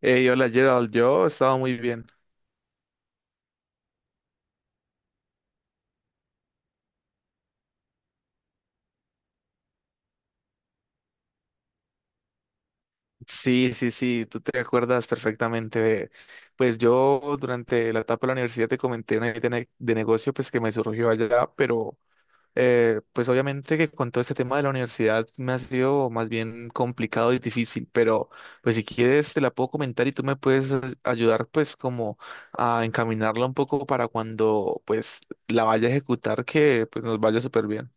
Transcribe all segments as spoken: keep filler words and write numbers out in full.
Hey, hola Gerald, yo estaba muy bien. Sí, sí, sí, tú te acuerdas perfectamente de- pues yo durante la etapa de la universidad te comenté una idea de, ne- de negocio pues que me surgió allá, pero eh, pues obviamente que con todo este tema de la universidad me ha sido más bien complicado y difícil, pero pues si quieres te la puedo comentar y tú me puedes as- ayudar pues como a encaminarla un poco para cuando pues la vaya a ejecutar que pues nos vaya súper bien.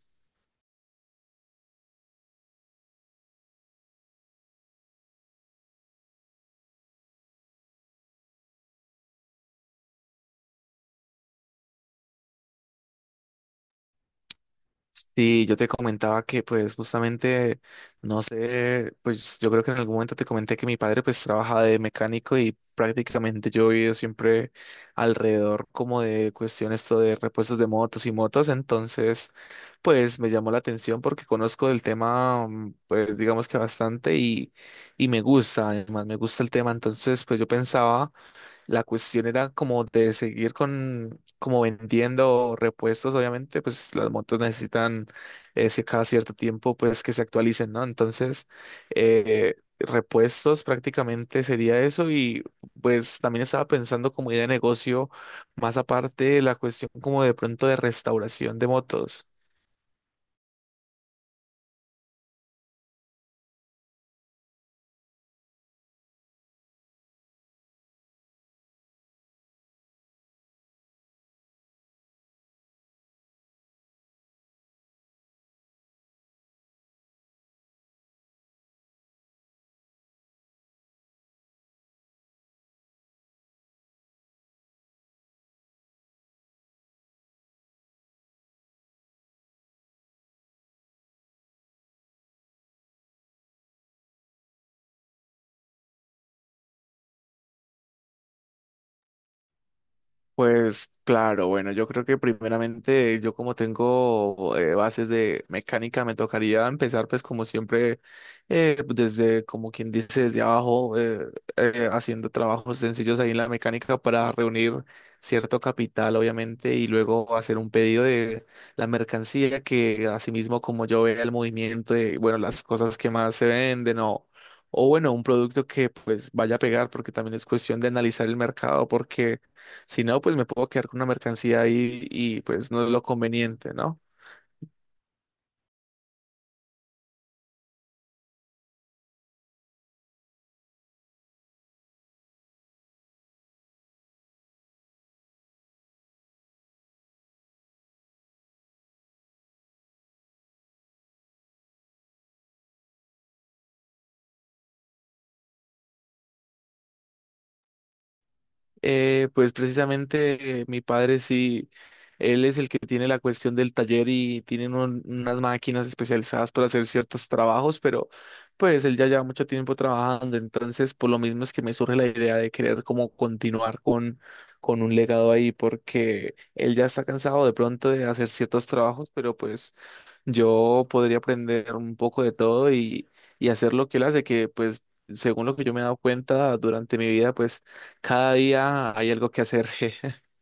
Sí, yo te comentaba que pues justamente, no sé, pues yo creo que en algún momento te comenté que mi padre pues trabaja de mecánico y prácticamente yo he vivido siempre alrededor como de cuestiones esto de repuestos de motos y motos, entonces pues me llamó la atención porque conozco del tema mm, pues digamos que bastante y, y me gusta, además me gusta el tema, entonces pues yo pensaba la cuestión era como de seguir con, como vendiendo repuestos, obviamente, pues las motos necesitan ese cada cierto tiempo, pues que se actualicen, ¿no? Entonces, eh, repuestos prácticamente sería eso y pues también estaba pensando como idea de negocio, más aparte de la cuestión como de pronto de restauración de motos. Pues claro, bueno, yo creo que primeramente yo como tengo eh, bases de mecánica me tocaría empezar pues como siempre eh, desde como quien dice desde abajo eh, eh, haciendo trabajos sencillos ahí en la mecánica para reunir cierto capital obviamente y luego hacer un pedido de la mercancía que asimismo como yo vea el movimiento de bueno las cosas que más se venden o o bueno un producto que pues vaya a pegar porque también es cuestión de analizar el mercado porque si no, pues me puedo quedar con una mercancía ahí y pues no es lo conveniente, ¿no? Eh, pues precisamente eh, mi padre sí, él es el que tiene la cuestión del taller y tienen un- unas máquinas especializadas para hacer ciertos trabajos, pero pues él ya lleva mucho tiempo trabajando, entonces por lo mismo es que me surge la idea de querer como continuar con, con un legado ahí, porque él ya está cansado de pronto de hacer ciertos trabajos, pero pues yo podría aprender un poco de todo y, y hacer lo que él hace, que pues según lo que yo me he dado cuenta durante mi vida, pues cada día hay algo que hacer.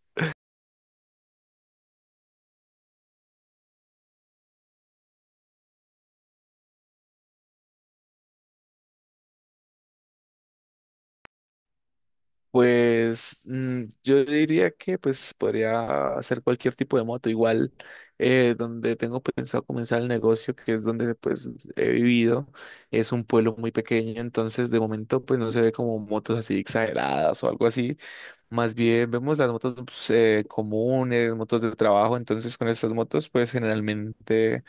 Pues mm, yo diría que pues podría hacer cualquier tipo de moto, igual eh, donde tengo pensado comenzar el negocio, que es donde pues he vivido, es un pueblo muy pequeño, entonces de momento pues no se ve como motos así exageradas o algo así. Más bien vemos las motos pues, eh, comunes, motos de trabajo, entonces con estas motos pues generalmente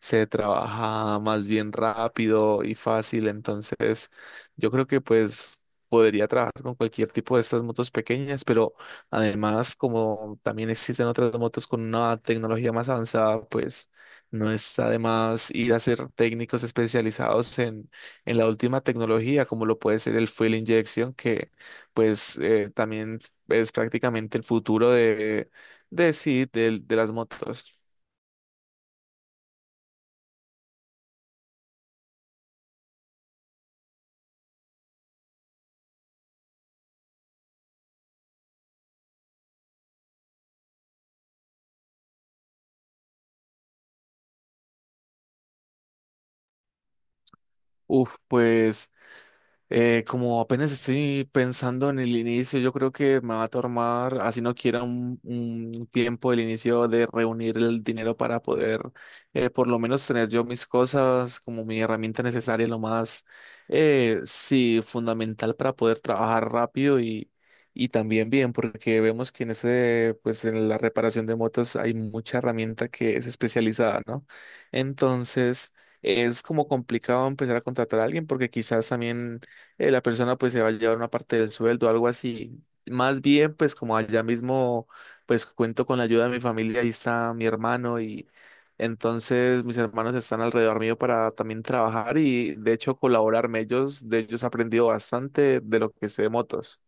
se trabaja más bien rápido y fácil, entonces yo creo que pues podría trabajar con cualquier tipo de estas motos pequeñas, pero además como también existen otras motos con una tecnología más avanzada, pues no está de más ir a ser técnicos especializados en, en la última tecnología, como lo puede ser el fuel injection, que pues eh, también es prácticamente el futuro de, de sí, del- de las motos. Uf, pues Eh, como apenas estoy pensando en el inicio, yo creo que me va a tomar, así no quiera, un, un tiempo el inicio de reunir el dinero para poder, eh, por lo menos tener yo mis cosas como mi herramienta necesaria, lo más, eh, sí, fundamental para poder trabajar rápido y, y también bien, porque vemos que en ese, pues en la reparación de motos hay mucha herramienta que es especializada, ¿no? Entonces es como complicado empezar a contratar a alguien porque quizás también eh, la persona pues se va a llevar una parte del sueldo, algo así. Más bien, pues como allá mismo, pues cuento con la ayuda de mi familia, ahí está mi hermano y entonces mis hermanos están alrededor mío para también trabajar y de hecho colaborarme ellos, de ellos he aprendido bastante de lo que sé de motos.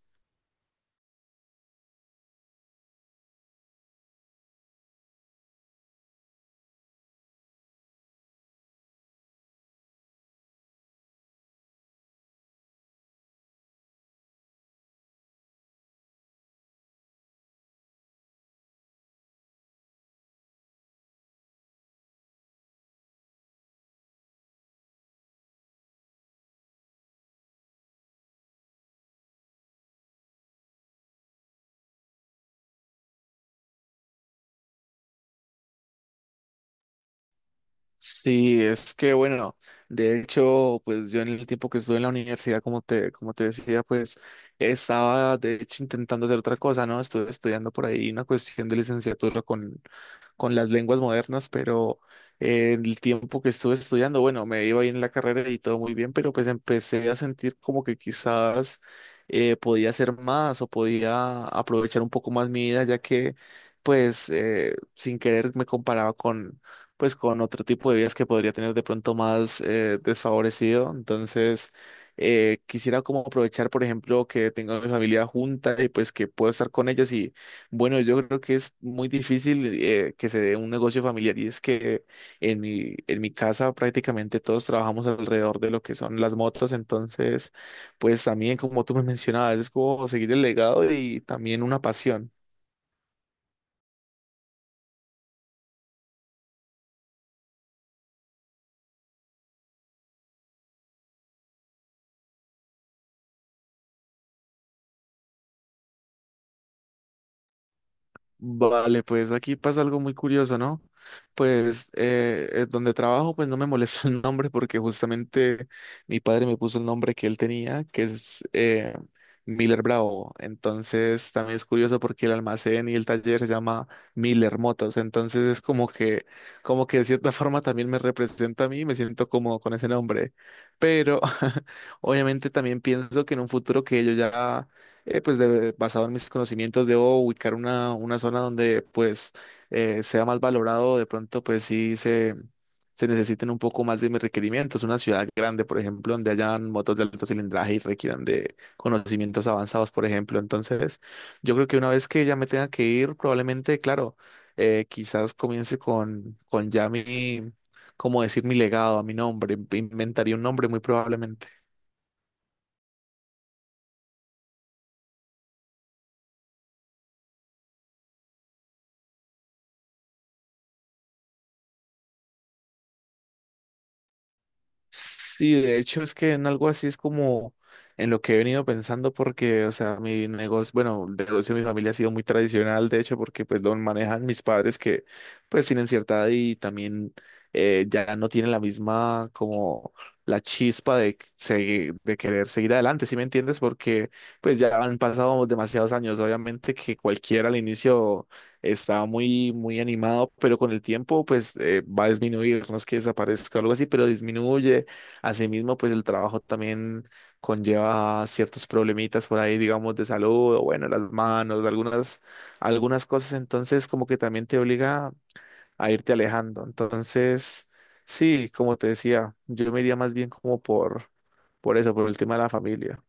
Sí, es que bueno, de hecho, pues yo en el tiempo que estuve en la universidad, como te, como te decía, pues estaba de hecho intentando hacer otra cosa, ¿no? Estuve estudiando por ahí una cuestión de licenciatura con, con las lenguas modernas, pero eh, el tiempo que estuve estudiando, bueno, me iba bien en la carrera y todo muy bien, pero pues empecé a sentir como que quizás eh, podía hacer más o podía aprovechar un poco más mi vida, ya que pues eh, sin querer me comparaba con pues con otro tipo de vidas que podría tener de pronto más eh, desfavorecido. Entonces, eh, quisiera como aprovechar, por ejemplo, que tengo a mi familia junta y pues que puedo estar con ellos y bueno, yo creo que es muy difícil eh, que se dé un negocio familiar y es que en mi, en mi casa prácticamente todos trabajamos alrededor de lo que son las motos, entonces, pues también como tú me mencionabas, es como seguir el legado y también una pasión. Vale, pues aquí pasa algo muy curioso, ¿no? Pues eh, eh, donde trabajo, pues no me molesta el nombre porque justamente mi padre me puso el nombre que él tenía, que es eh, Miller Bravo. Entonces también es curioso porque el almacén y el taller se llama Miller Motos. Entonces es como que, como que de cierta forma también me representa a mí, me siento cómodo con ese nombre. Pero obviamente también pienso que en un futuro que yo ya eh, pues de- basado en mis conocimientos, debo ubicar una, una zona donde pues eh, sea más valorado, de pronto pues sí se, se necesiten un poco más de mis requerimientos, una ciudad grande, por ejemplo, donde hayan motos de alto cilindraje y requieran de conocimientos avanzados, por ejemplo. Entonces, yo creo que una vez que ya me tenga que ir, probablemente, claro, eh, quizás comience con, con ya mi, como decir, mi legado, a mi nombre, inventaría un nombre muy probablemente. Sí, de hecho es que en algo así es como en lo que he venido pensando porque, o sea, mi negocio, bueno, el negocio de mi familia ha sido muy tradicional, de hecho, porque pues lo manejan mis padres que pues tienen cierta edad y también eh, ya no tienen la misma como la chispa de, seguir- de querer seguir adelante, ¿sí me entiendes? Porque pues ya han pasado demasiados años, obviamente que cualquiera al inicio estaba muy, muy animado, pero con el tiempo pues eh, va a disminuir, no es que desaparezca o algo así, pero disminuye. Asimismo, pues el trabajo también conlleva ciertos problemitas por ahí, digamos, de salud, o bueno, las manos, algunas, algunas cosas, entonces como que también te obliga a irte alejando. Entonces, sí, como te decía, yo me iría más bien como por, por eso, por el tema de la familia.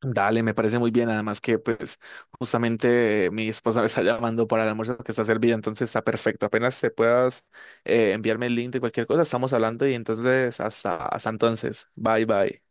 Dale, me parece muy bien. Además que, pues, justamente eh, mi esposa me está llamando para el almuerzo que está servido, entonces está perfecto. Apenas te puedas eh, enviarme el link de cualquier cosa, estamos hablando y entonces hasta, hasta entonces. Bye, bye.